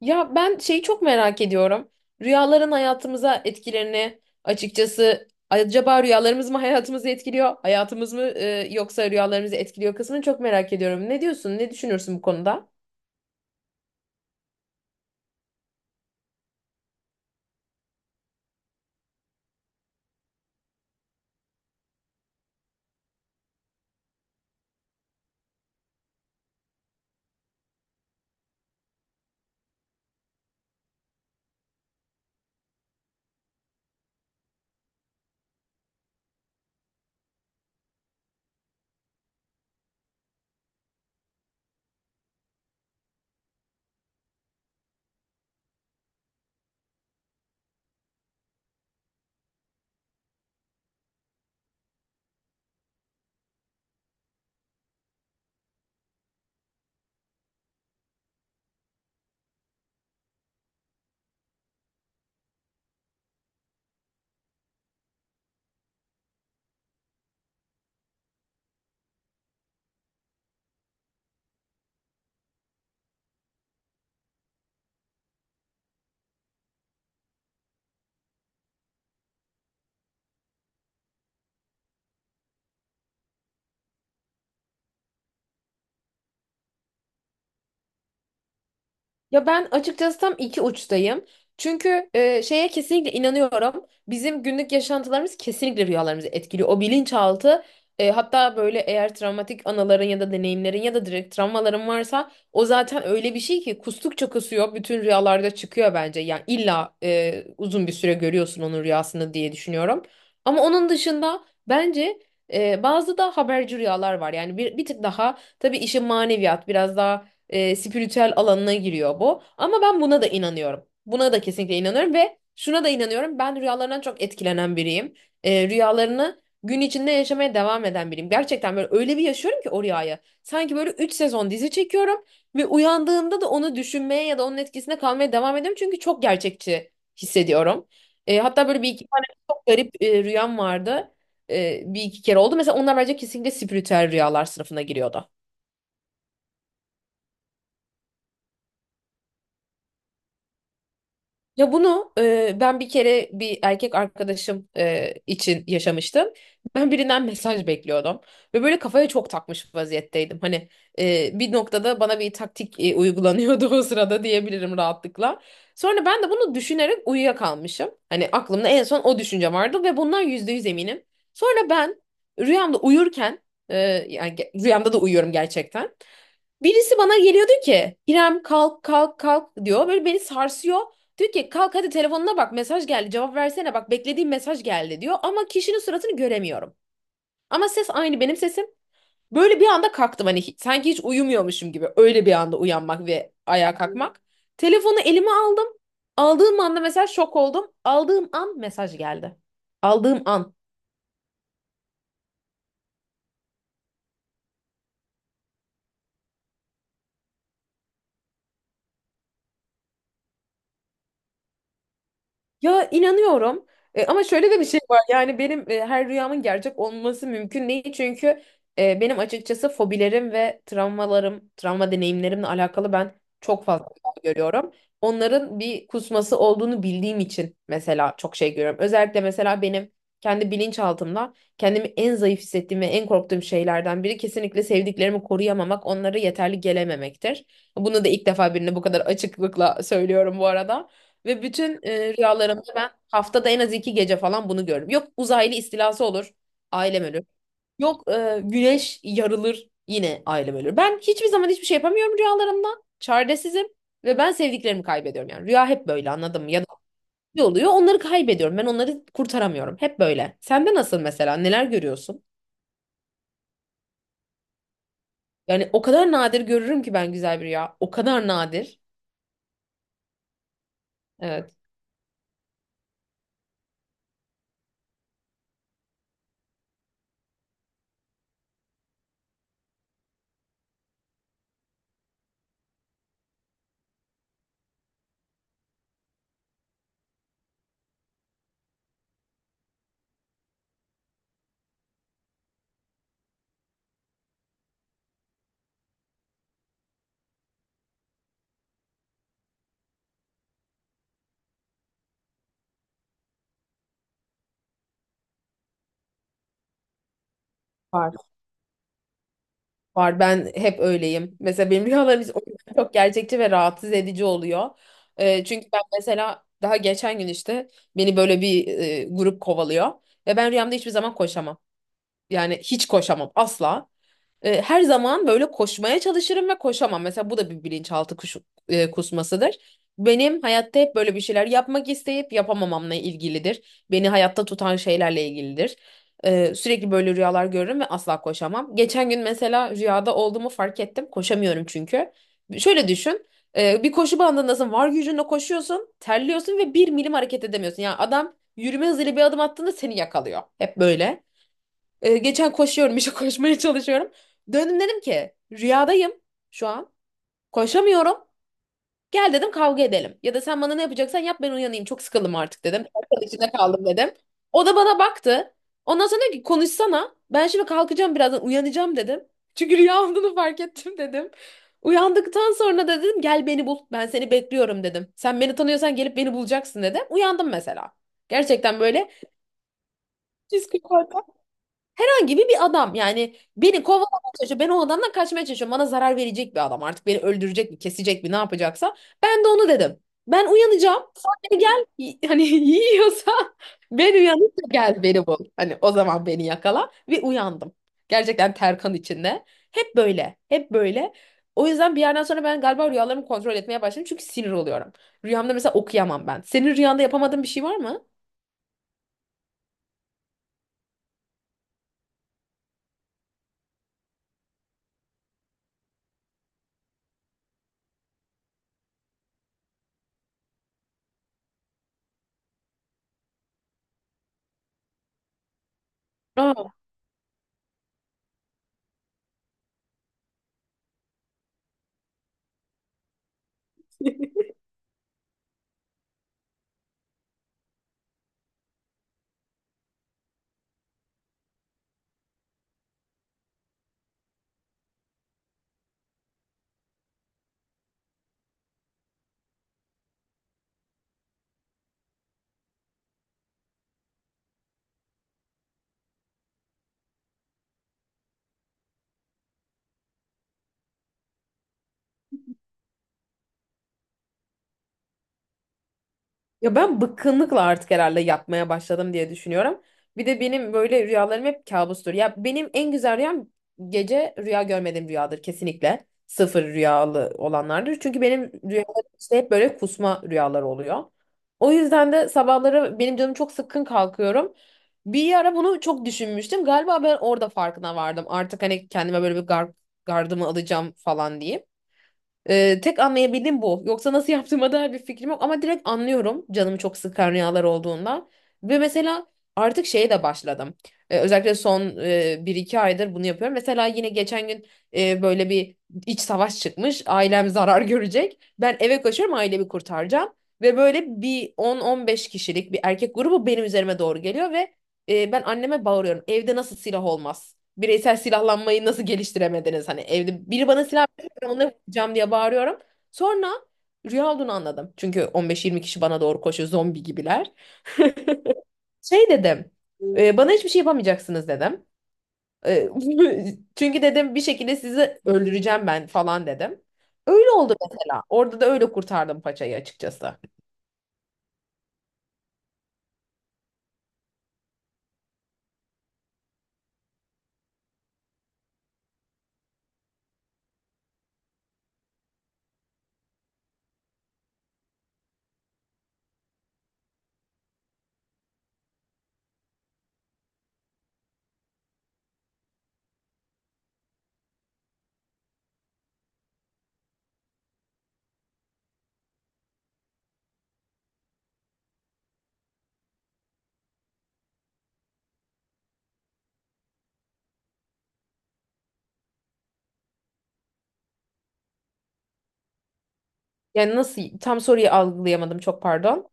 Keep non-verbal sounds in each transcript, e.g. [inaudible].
Ya ben şeyi çok merak ediyorum. Rüyaların hayatımıza etkilerini açıkçası acaba rüyalarımız mı [laughs] hayatımızı etkiliyor, hayatımız mı yoksa rüyalarımızı etkiliyor kısmını çok merak ediyorum. Ne diyorsun? Ne düşünürsün bu konuda? Ya ben açıkçası tam iki uçtayım. Çünkü şeye kesinlikle inanıyorum. Bizim günlük yaşantılarımız kesinlikle rüyalarımızı etkiliyor. O bilinçaltı hatta böyle eğer travmatik anıların ya da deneyimlerin ya da direkt travmaların varsa o zaten öyle bir şey ki kustukça kusuyor bütün rüyalarda çıkıyor bence. Yani illa uzun bir süre görüyorsun onun rüyasını diye düşünüyorum. Ama onun dışında bence bazı da haberci rüyalar var. Yani bir tık daha tabii işin maneviyat biraz daha spiritüel alanına giriyor bu. Ama ben buna da inanıyorum. Buna da kesinlikle inanıyorum ve şuna da inanıyorum. Ben rüyalarından çok etkilenen biriyim. Rüyalarını gün içinde yaşamaya devam eden biriyim. Gerçekten böyle öyle bir yaşıyorum ki o rüyayı. Sanki böyle 3 sezon dizi çekiyorum ve uyandığımda da onu düşünmeye ya da onun etkisinde kalmaya devam ediyorum. Çünkü çok gerçekçi hissediyorum. Hatta böyle bir iki tane çok garip rüyam vardı. Bir iki kere oldu. Mesela onlar bence kesinlikle spiritüel rüyalar sınıfına giriyordu. Ya bunu ben bir kere bir erkek arkadaşım için yaşamıştım. Ben birinden mesaj bekliyordum ve böyle kafaya çok takmış vaziyetteydim. Hani bir noktada bana bir taktik uygulanıyordu [laughs] o sırada diyebilirim rahatlıkla. Sonra ben de bunu düşünerek uyuyakalmışım. Hani aklımda en son o düşünce vardı ve bundan yüzde yüz eminim. Sonra ben rüyamda uyurken e, yani rüyamda da uyuyorum gerçekten. Birisi bana geliyordu ki İrem kalk kalk kalk diyor. Böyle beni sarsıyor. Diyor ki kalk hadi telefonuna bak mesaj geldi cevap versene bak beklediğim mesaj geldi diyor. Ama kişinin suratını göremiyorum. Ama ses aynı benim sesim. Böyle bir anda kalktım hani sanki hiç uyumuyormuşum gibi. Öyle bir anda uyanmak ve ayağa kalkmak. Telefonu elime aldım. Aldığım anda mesela şok oldum. Aldığım an mesaj geldi. Aldığım an. Ya inanıyorum. Ama şöyle de bir şey var. Yani benim her rüyamın gerçek olması mümkün değil. Çünkü benim açıkçası fobilerim ve travmalarım, travma deneyimlerimle alakalı ben çok fazla şey görüyorum. Onların bir kusması olduğunu bildiğim için mesela çok şey görüyorum. Özellikle mesela benim kendi bilinçaltımda kendimi en zayıf hissettiğim ve en korktuğum şeylerden biri kesinlikle sevdiklerimi koruyamamak, onlara yeterli gelememektir. Bunu da ilk defa birine bu kadar açıklıkla söylüyorum bu arada. Ve bütün rüyalarımda ben haftada en az iki gece falan bunu görürüm. Yok uzaylı istilası olur, ailem ölür. Yok güneş yarılır, yine ailem ölür. Ben hiçbir zaman hiçbir şey yapamıyorum rüyalarımda. Çaresizim ve ben sevdiklerimi kaybediyorum. Yani rüya hep böyle anladın mı? Ya da ne oluyor onları kaybediyorum. Ben onları kurtaramıyorum. Hep böyle. Sende nasıl mesela? Neler görüyorsun? Yani o kadar nadir görürüm ki ben güzel bir rüya. O kadar nadir. Evet. Var. Var ben hep öyleyim. Mesela benim rüyalarım [laughs] o yüzden çok gerçekçi ve rahatsız edici oluyor. Çünkü ben mesela daha geçen gün işte beni böyle bir grup kovalıyor. Ve ben rüyamda hiçbir zaman koşamam. Yani hiç koşamam asla. Her zaman böyle koşmaya çalışırım ve koşamam. Mesela bu da bir bilinçaltı kusmasıdır. Benim hayatta hep böyle bir şeyler yapmak isteyip yapamamamla ilgilidir. Beni hayatta tutan şeylerle ilgilidir. Sürekli böyle rüyalar görürüm ve asla koşamam. Geçen gün mesela rüyada olduğumu fark ettim. Koşamıyorum çünkü. Şöyle düşün. Bir koşu bandındasın. Var gücünle koşuyorsun. Terliyorsun ve bir milim hareket edemiyorsun. Yani adam yürüme hızıyla bir adım attığında seni yakalıyor. Hep böyle. Geçen koşuyorum işte [laughs] koşmaya çalışıyorum. Döndüm dedim ki rüyadayım şu an. Koşamıyorum. Gel dedim kavga edelim. Ya da sen bana ne yapacaksan yap ben uyanayım. Çok sıkıldım artık dedim. Arkadaşına içinde kaldım dedim. O da bana baktı. Ondan sonra dedi ki konuşsana. Ben şimdi kalkacağım birazdan uyanacağım dedim. Çünkü rüya olduğunu fark ettim dedim. Uyandıktan sonra da dedim gel beni bul. Ben seni bekliyorum dedim. Sen beni tanıyorsan gelip beni bulacaksın dedim. Uyandım mesela. Gerçekten böyle psikopat herhangi bir adam yani beni kovalamaya çalışıyor. Ben o adamdan kaçmaya çalışıyorum. Bana zarar verecek bir adam artık beni öldürecek mi kesecek mi ne yapacaksa. Ben de onu dedim. Ben uyanacağım. Sen beni gel hani [laughs] yiyorsa ben uyanıp da gel beni bul. Hani o zaman beni yakala ve uyandım. Gerçekten terkan içinde. Hep böyle. Hep böyle. O yüzden bir yerden sonra ben galiba rüyalarımı kontrol etmeye başladım. Çünkü sinir oluyorum. Rüyamda mesela okuyamam ben. Senin rüyanda yapamadığın bir şey var mı? Aa. Ya ben bıkkınlıkla artık herhalde yatmaya başladım diye düşünüyorum. Bir de benim böyle rüyalarım hep kabustur. Ya benim en güzel rüyam gece rüya görmediğim rüyadır kesinlikle. Sıfır rüyalı olanlardır. Çünkü benim rüyalarım işte hep böyle kusma rüyalar oluyor. O yüzden de sabahları benim canım çok sıkkın kalkıyorum. Bir ara bunu çok düşünmüştüm. Galiba ben orada farkına vardım. Artık hani kendime böyle bir gardımı alacağım falan diye. Tek anlayabildiğim bu. Yoksa nasıl yaptığıma dair bir fikrim yok ama direkt anlıyorum canımı çok sıkan rüyalar olduğunda. Ve mesela artık şeye de başladım. Özellikle son 1-2 aydır bunu yapıyorum. Mesela yine geçen gün böyle bir iç savaş çıkmış. Ailem zarar görecek. Ben eve koşuyorum ailemi kurtaracağım. Ve böyle bir 10-15 kişilik bir erkek grubu benim üzerime doğru geliyor ve ben anneme bağırıyorum. Evde nasıl silah olmaz? Bireysel silahlanmayı nasıl geliştiremediniz? Hani evde biri bana silah ona vuracağım diye bağırıyorum. Sonra rüya olduğunu anladım. Çünkü 15-20 kişi bana doğru koşuyor zombi gibiler. Şey dedim. Bana hiçbir şey yapamayacaksınız dedim. E, [laughs] Çünkü dedim bir şekilde sizi öldüreceğim ben falan dedim. Öyle oldu mesela. Orada da öyle kurtardım paçayı açıkçası. Yani nasıl tam soruyu algılayamadım çok pardon.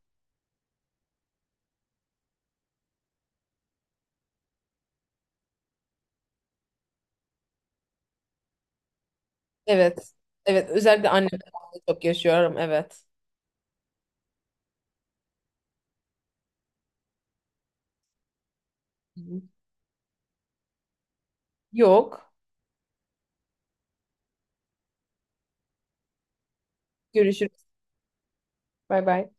Evet. Evet özellikle annemle çok yaşıyorum evet. Yok. Görüşürüz. Bay bay.